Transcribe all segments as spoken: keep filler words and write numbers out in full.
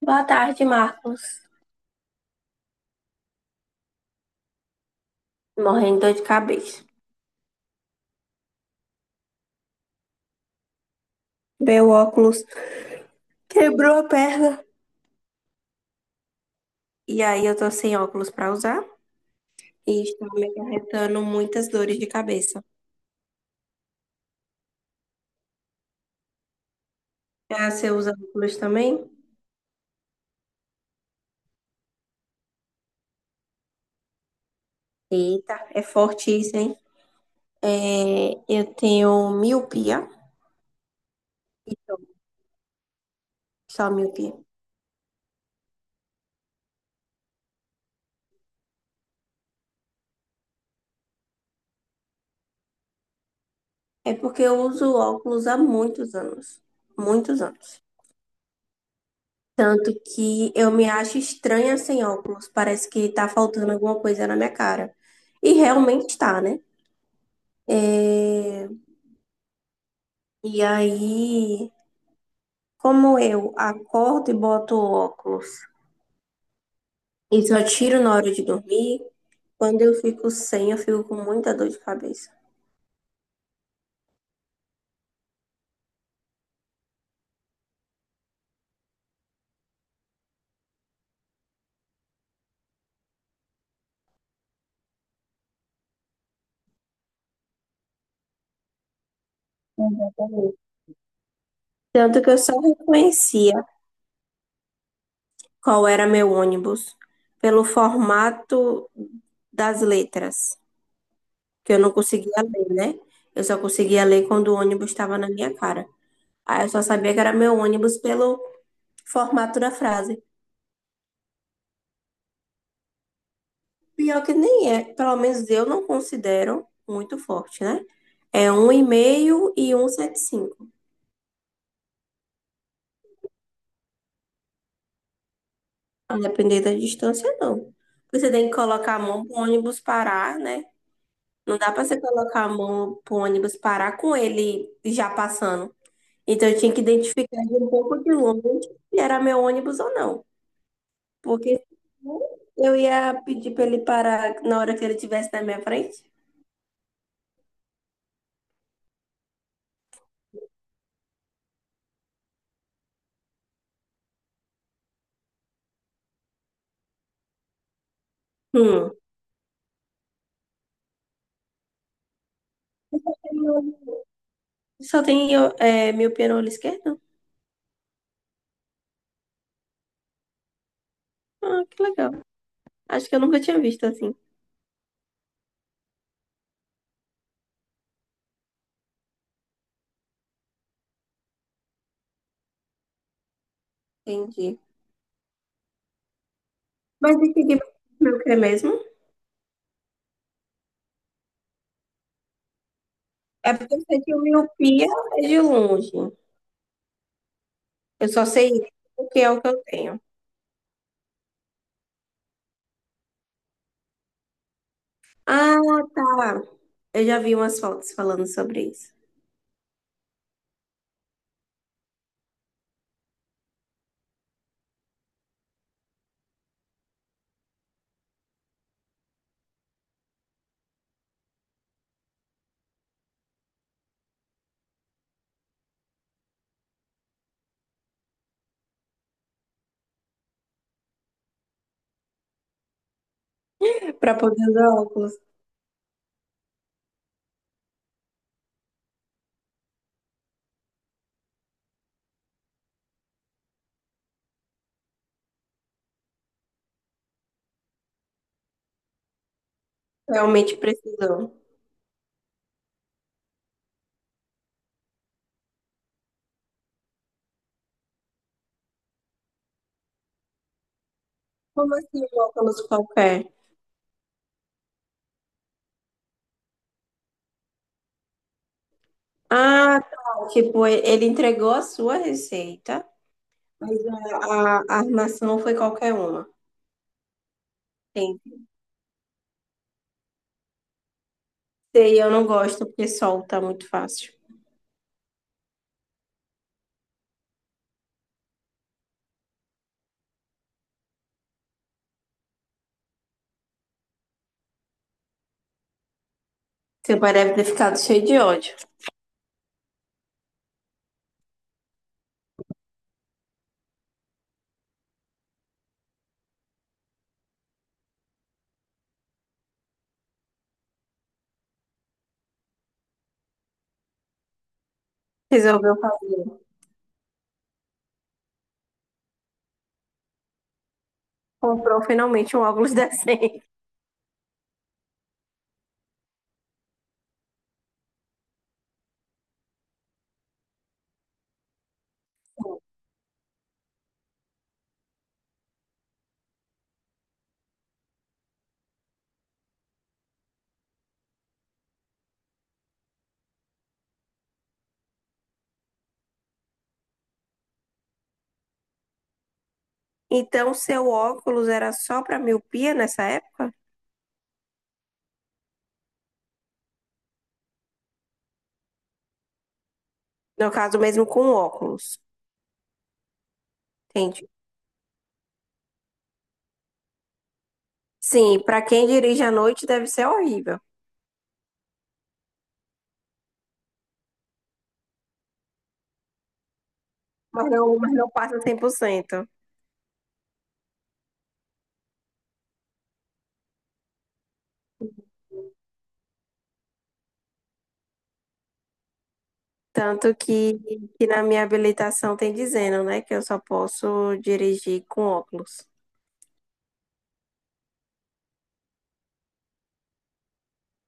Boa tarde, Marcos. Morrendo de dor de cabeça. Meu óculos quebrou a perna. E aí eu tô sem óculos pra usar e está me acarretando muitas dores de cabeça. Ah, você usa óculos também? Eita, é forte isso, hein? É, eu tenho miopia. Então, só miopia. É porque eu uso óculos há muitos anos. Muitos anos. Tanto que eu me acho estranha sem óculos. Parece que tá faltando alguma coisa na minha cara. E realmente tá, né? É, e aí, como eu acordo e boto óculos e só tiro na hora de dormir, quando eu fico sem, eu fico com muita dor de cabeça. Exatamente. Tanto que eu só reconhecia qual era meu ônibus pelo formato das letras, que eu não conseguia ler, né? Eu só conseguia ler quando o ônibus estava na minha cara. Aí eu só sabia que era meu ônibus pelo formato da frase. Pior que nem é, pelo menos eu não considero muito forte, né? É um e um 1,75. A depender da distância, não. Porque você tem que colocar a mão pro ônibus parar, né? Não dá pra você colocar a mão pro ônibus parar com ele já passando. Então eu tinha que identificar de um pouco de longe se era meu ônibus ou não. Porque senão eu ia pedir pra ele parar na hora que ele estivesse na minha frente. Hum. Só tem é, miopia no olho esquerdo? Ah, que legal. Acho que eu nunca tinha visto assim. Entendi. Mas esse Ghibli é o que é mesmo? É porque eu sei que o miopia é de longe. Eu só sei isso porque é o que eu tenho. Ah, tá. Eu já vi umas fotos falando sobre isso. Para poder usar óculos, realmente precisou. Como assim um óculos qualquer? Ah, tá. Tipo, e- ele entregou a sua receita, mas a, a a armação foi qualquer uma. Entendi. E eu não gosto porque solta muito fácil. Seu pai deve ter ficado cheio de ódio. Resolveu fazer. Comprou finalmente um óculos decente. Então, seu óculos era só para miopia nessa época? No caso, mesmo com óculos. Entende? Sim, para quem dirige à noite deve ser horrível. Mas não, mas não passa cem por cento. Tanto que, que na minha habilitação tem dizendo, né, que eu só posso dirigir com óculos.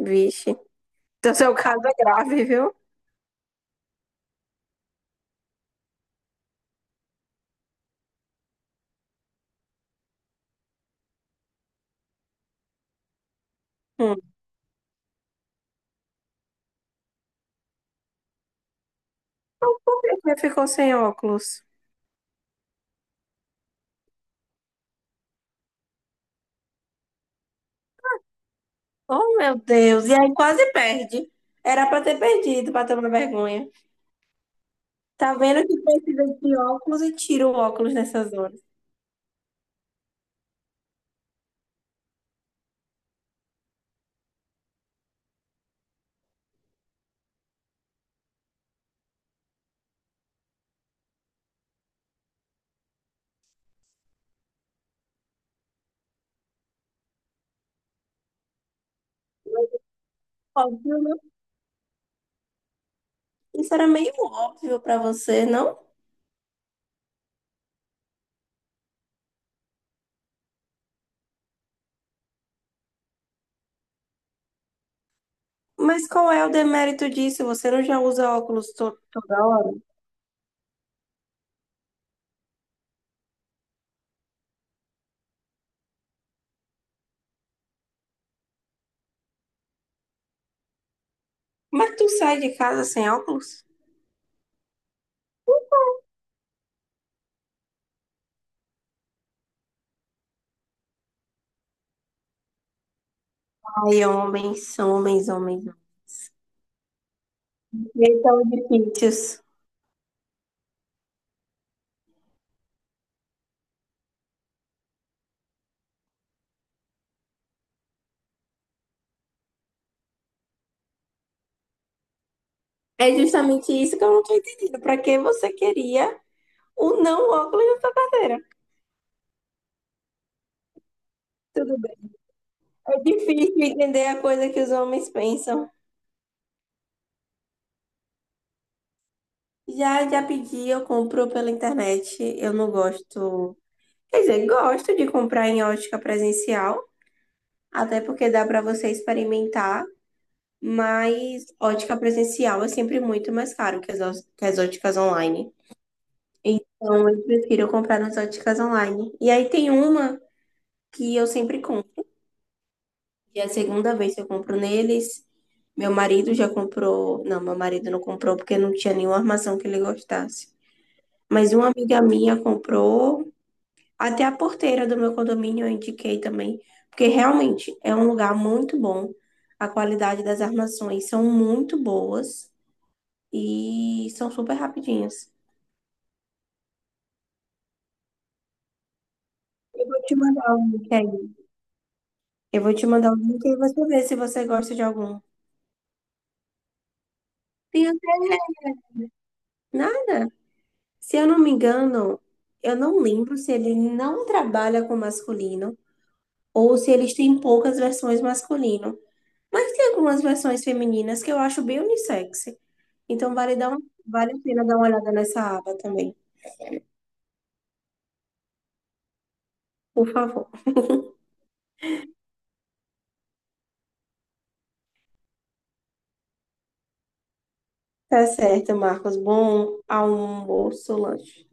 Vixe. Então, seu caso é grave, viu? Hum. Então, por que você ficou sem óculos? Oh, meu Deus. E aí quase perde. Era pra ter perdido, pra tomar vergonha. Tá vendo que precisa de óculos e tira o óculos nessas horas. Óbvio, né? Isso era meio óbvio pra você, não? Mas qual é o demérito disso? Você não já usa óculos to- toda hora? Mas tu sai de casa sem óculos? Ai, homens, homens, homens. Eles são difíceis. É justamente isso que eu não tô entendendo. Pra que você queria o não óculos na sua carteira? Tudo É difícil entender a coisa que os homens pensam. Já, já pedi, eu compro pela internet. Eu não gosto. Quer dizer, gosto de comprar em ótica presencial, até porque dá para você experimentar, mas ótica presencial é sempre muito mais caro que as, ó- que as óticas online. Então, eu prefiro comprar nas óticas online. E aí tem uma que eu sempre compro. E a segunda vez que eu compro neles, meu marido já comprou. Não, meu marido não comprou porque não tinha nenhuma armação que ele gostasse. Mas uma amiga minha comprou. Até a porteira do meu condomínio eu indiquei também. Porque realmente é um lugar muito bom. A qualidade das armações são muito boas e são super rapidinhas. Eu vou te mandar o link aí. Eu vou te mandar o link e você vê se você gosta de algum. Tem até, né? Nada. Se eu não me engano, eu não lembro se ele não trabalha com masculino ou se eles têm poucas versões masculino. Mas tem algumas versões femininas que eu acho bem unissex. Então vale dar um- vale a pena dar uma olhada nessa aba também, por favor. Tá certo, Marcos. Bom almoço, lanche.